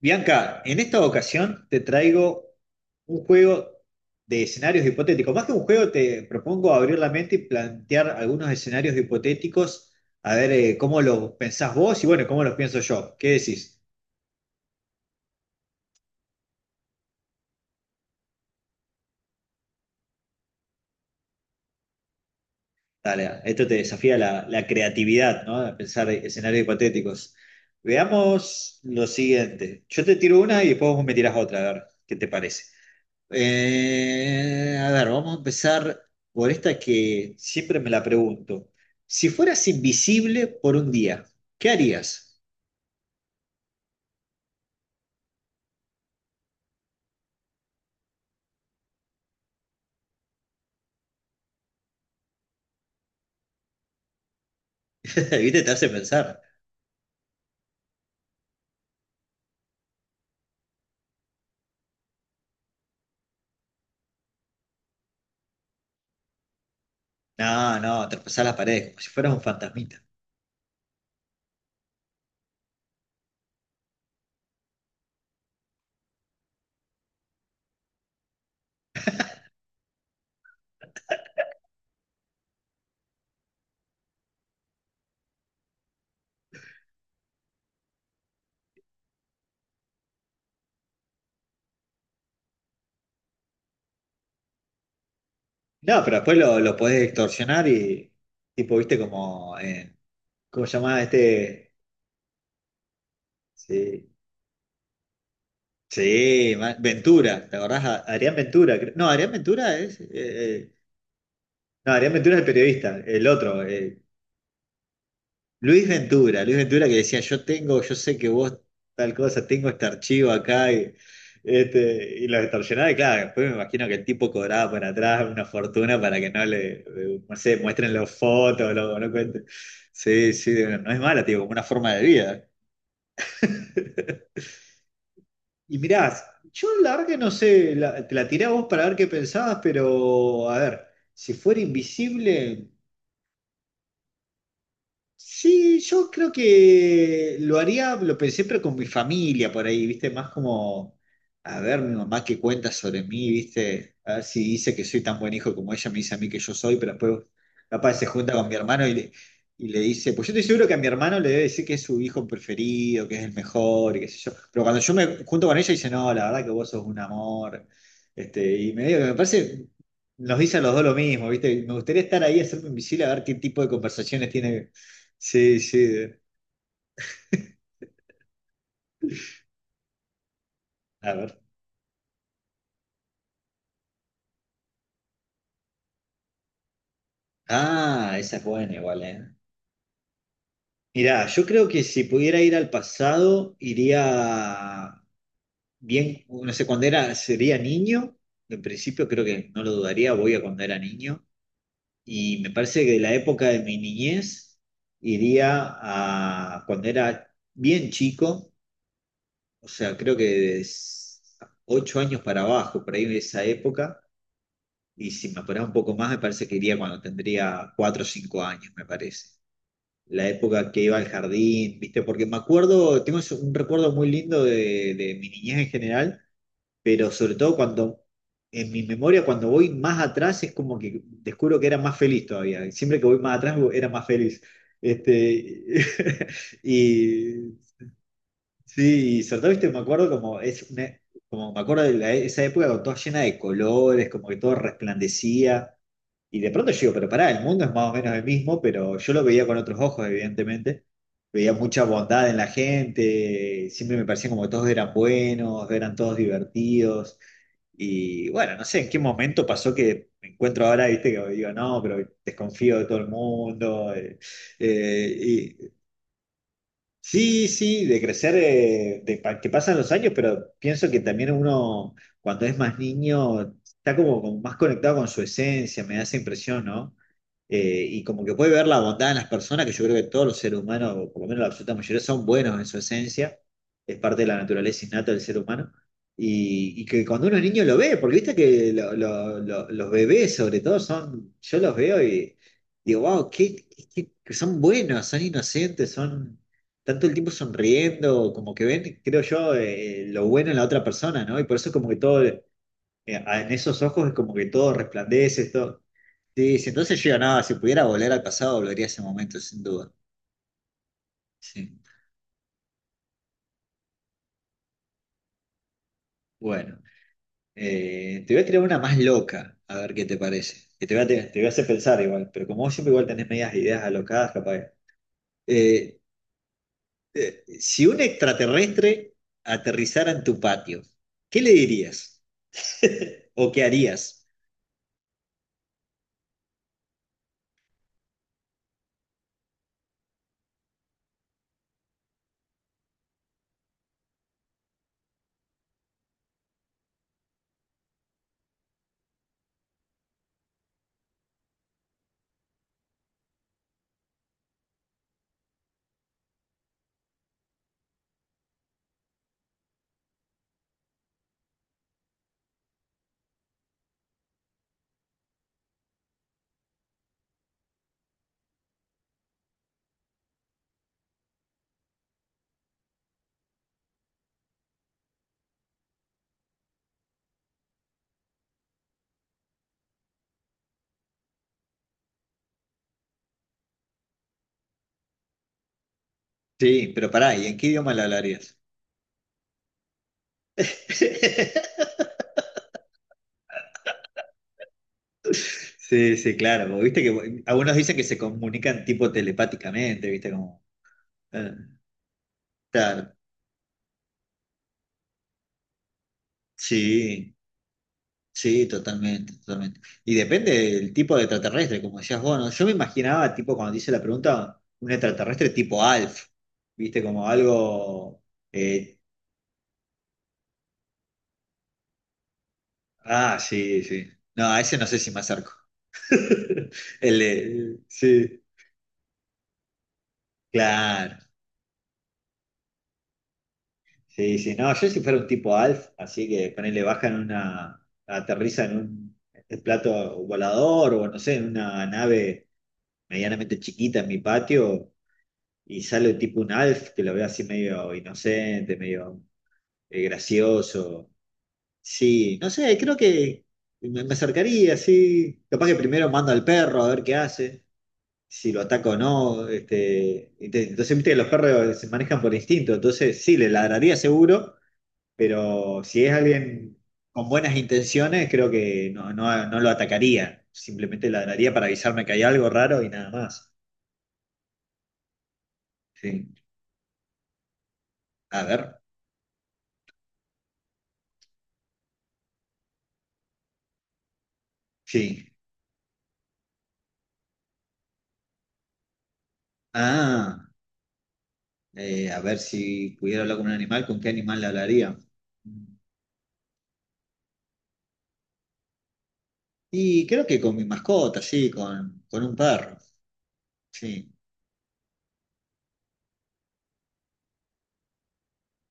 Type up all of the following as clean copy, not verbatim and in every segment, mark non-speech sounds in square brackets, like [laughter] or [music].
Bianca, en esta ocasión te traigo un juego de escenarios hipotéticos. Más que un juego, te propongo abrir la mente y plantear algunos escenarios hipotéticos, a ver, cómo los pensás vos y bueno, cómo los pienso yo. ¿Qué decís? Dale, esto te desafía la creatividad, ¿no? A pensar escenarios hipotéticos. Veamos lo siguiente. Yo te tiro una y después vos me tirás otra, a ver qué te parece. A ver, vamos a empezar por esta que siempre me la pregunto. Si fueras invisible por un día, ¿qué harías? [laughs] ¿Viste? Te hace pensar. No, no, traspasar las paredes como si fueras un fantasmita. No, pero después lo podés distorsionar y, tipo, viste como, ¿cómo se llama este? Sí, sí, Ventura, ¿te acordás? Adrián Ventura, no, Adrián Ventura es, no, Adrián Ventura es el periodista, el otro, Luis Ventura, Luis Ventura que decía, yo tengo, yo sé que vos tal cosa, tengo este archivo acá, y lo extorsionaba, y claro, después me imagino que el tipo cobraba por atrás una fortuna para que no le, no sé, muestren las fotos, no cuenten. Sí, sí, no es mala, tío, como una forma de vida. Y mirás, yo la verdad que no sé, te la tiré a vos para ver qué pensabas, pero a ver, si fuera invisible. Sí, yo creo que lo haría, lo pensé, pero con mi familia por ahí, ¿viste? Más como, a ver, mi mamá qué cuenta sobre mí, ¿viste? A ver si dice que soy tan buen hijo como ella me dice a mí que yo soy, pero después capaz se junta con mi hermano y le dice, pues yo estoy seguro que a mi hermano le debe decir que es su hijo preferido, que es el mejor, y qué sé yo. Pero cuando yo me junto con ella dice, no, la verdad que vos sos un amor, y me digo que me parece. Nos dicen los dos lo mismo, ¿viste? Me gustaría estar ahí, hacerme invisible, a ver qué tipo de conversaciones tiene. Sí, sí. A ver. Ah, esa es buena igual, ¿eh? Mirá, yo creo que si pudiera ir al pasado, iría bien, no sé, sería niño, en principio creo que no lo dudaría, voy a cuando era niño, y me parece que de la época de mi niñez iría a cuando era bien chico, o sea, creo que 8 años para abajo, por ahí de esa época, y si me apurás un poco más, me parece que iría cuando tendría 4 o 5 años, me parece. La época que iba al jardín, ¿viste? Porque me acuerdo, tengo un recuerdo muy lindo de mi niñez en general, pero sobre todo cuando, en mi memoria, cuando voy más atrás es como que descubro que era más feliz todavía. Siempre que voy más atrás era más feliz. Este, [laughs] y sí, y sobre todo, ¿viste? Me acuerdo como es como me acuerdo de esa época con toda llena de colores, como que todo resplandecía. Y de pronto yo digo, pero pará, el mundo es más o menos el mismo, pero yo lo veía con otros ojos, evidentemente. Veía mucha bondad en la gente, siempre me parecía como que todos eran buenos, eran todos divertidos. Y bueno, no sé en qué momento pasó que me encuentro ahora, viste, que digo, no, pero desconfío de todo el mundo. Y sí, sí, de crecer, que pasan los años, pero pienso que también uno, cuando es más niño, está como más conectado con su esencia, me da esa impresión, ¿no? Y como que puede ver la bondad en las personas, que yo creo que todos los seres humanos, o por lo menos la absoluta mayoría, son buenos en su esencia, es parte de la naturaleza innata del ser humano, y que cuando uno es niño lo ve, porque viste que los bebés sobre todo son, yo los veo y digo, wow, que son buenos, son inocentes, son tanto el tiempo sonriendo, como que ven, creo yo, lo bueno en la otra persona, ¿no? Y por eso como que todo, en esos ojos es como que todo resplandece, todo. Sí, si entonces yo no, si pudiera volver al pasado, volvería a ese momento, sin duda. Sí. Bueno, te voy a tirar una más loca, a ver qué te parece. Que te voy a, te voy a hacer pensar igual, pero como vos siempre igual tenés medias ideas alocadas, capaz. Eh, si un extraterrestre aterrizara en tu patio, ¿qué le dirías? [laughs] ¿O qué harías? Sí, pero pará, ¿y en qué idioma le hablarías? [laughs] Sí, sí, claro. Viste que algunos dicen que se comunican tipo telepáticamente, viste como. eh. Claro, sí, sí, totalmente, totalmente. Y depende del tipo de extraterrestre, como decías vos, ¿no? Yo me imaginaba, tipo, cuando te hice la pregunta, un extraterrestre tipo Alf, ¿viste? Como algo. Eh, ah, sí, sí. No, a ese no sé si me acerco. [laughs] Sí, claro. Sí, sí. No, yo si fuera un tipo Alf, así que ponele, aterriza en plato volador o no sé, en una nave medianamente chiquita en mi patio. Y sale tipo un Alf que lo veo así medio inocente, medio gracioso. Sí, no sé, creo que me acercaría, sí. Capaz que primero mando al perro a ver qué hace, si lo ataco o no. Entonces, viste que los perros se manejan por instinto, entonces sí, le ladraría seguro, pero si es alguien con buenas intenciones, creo que no, no, no lo atacaría. Simplemente ladraría para avisarme que hay algo raro y nada más. Sí. A ver. Sí. Ah. A ver si pudiera hablar con un animal, ¿con qué animal le hablaría? Y creo que con mi mascota, sí, con un perro, sí,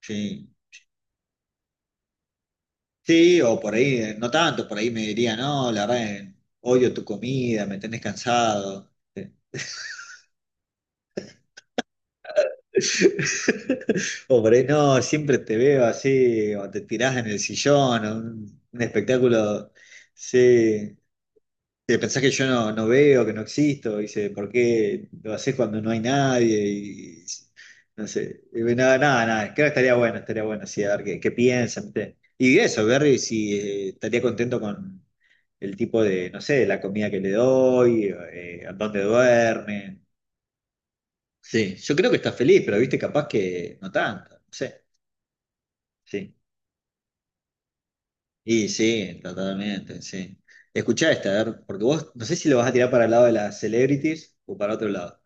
sí. Sí, o por ahí, no tanto, por ahí me diría, no, la verdad, odio tu comida, me tenés cansado. [laughs] O por ahí, no, siempre te veo así, o te tirás en el sillón, o un espectáculo, sí, te pensás que yo no veo, que no existo, dice, ¿por qué lo haces cuando no hay nadie? Y, no sé, y nada, nada, nada, creo que estaría bueno, sí, a ver qué piensan, ¿viste? Y eso, Berry, si estaría contento con el tipo de, no sé, la comida que le doy, a dónde duerme. Sí, yo creo que está feliz, pero viste, capaz que no tanto, no sé, sí. Y sí, totalmente, sí. Escuchá esta, a ver, porque vos no sé si lo vas a tirar para el lado de las celebrities o para otro lado.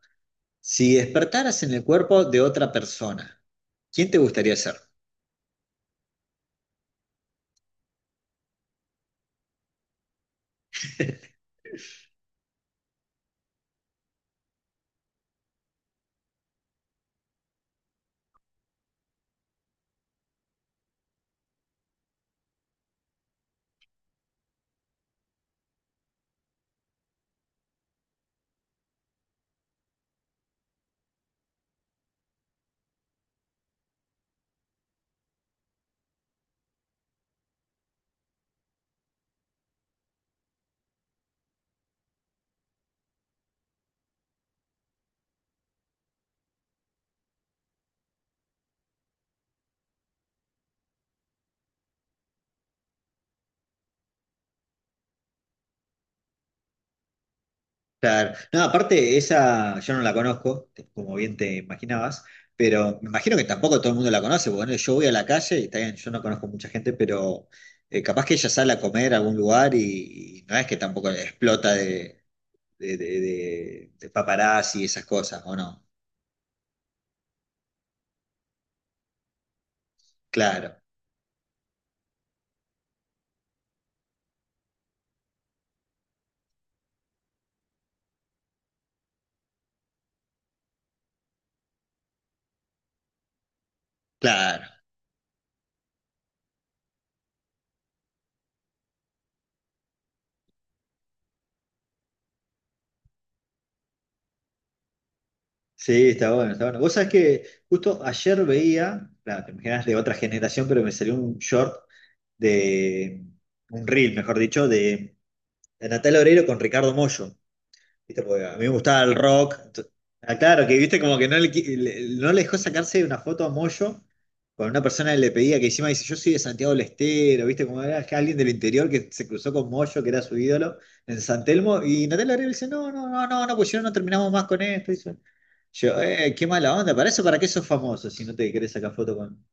Si despertaras en el cuerpo de otra persona, ¿quién te gustaría ser? [laughs] Claro. No, aparte, esa yo no la conozco, como bien te imaginabas, pero me imagino que tampoco todo el mundo la conoce. Bueno, yo voy a la calle y está bien, yo no conozco mucha gente, pero capaz que ella sale a comer a algún lugar y, no es que tampoco explota de paparazzi y esas cosas, ¿o no? Claro, claro. Sí, está bueno, está bueno. Vos sabés que justo ayer veía, claro, te imaginas de otra generación, pero me salió un short de, un reel, mejor dicho, de Natalia Oreiro con Ricardo Mollo. ¿Viste? Porque a mí me gustaba el rock. Ah, claro, que viste como que no le dejó sacarse una foto a Mollo con una persona que le pedía, que encima dice, yo soy de Santiago del Estero, ¿viste? Como era alguien del interior que se cruzó con Mollo, que era su ídolo, en San Telmo, y Natalia Oreiro dice, no, no, no, no, no, pues si no, no terminamos más con esto. Yo, qué mala onda, para eso, ¿para qué sos famoso si no te querés sacar foto con...?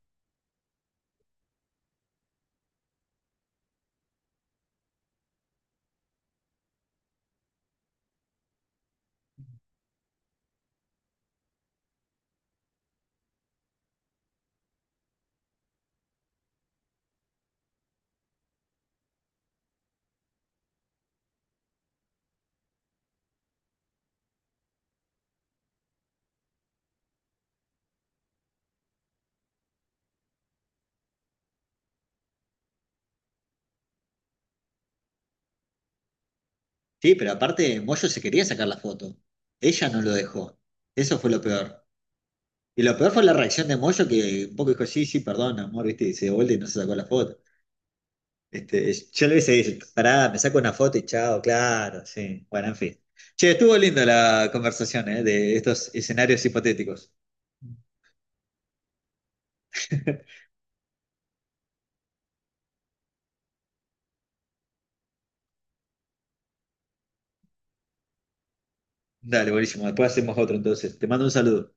Sí, pero aparte, Moyo se quería sacar la foto. Ella no lo dejó. Eso fue lo peor. Y lo peor fue la reacción de Moyo que un poco dijo, sí, sí, perdón, amor, viste, y se dio vuelta y no se sacó la foto. Yo le hubiese dicho, pará, me saco una foto y chao, claro, sí. Bueno, en fin. Che, estuvo linda la conversación, de estos escenarios hipotéticos. [laughs] Dale, buenísimo, después hacemos otro entonces. Te mando un saludo.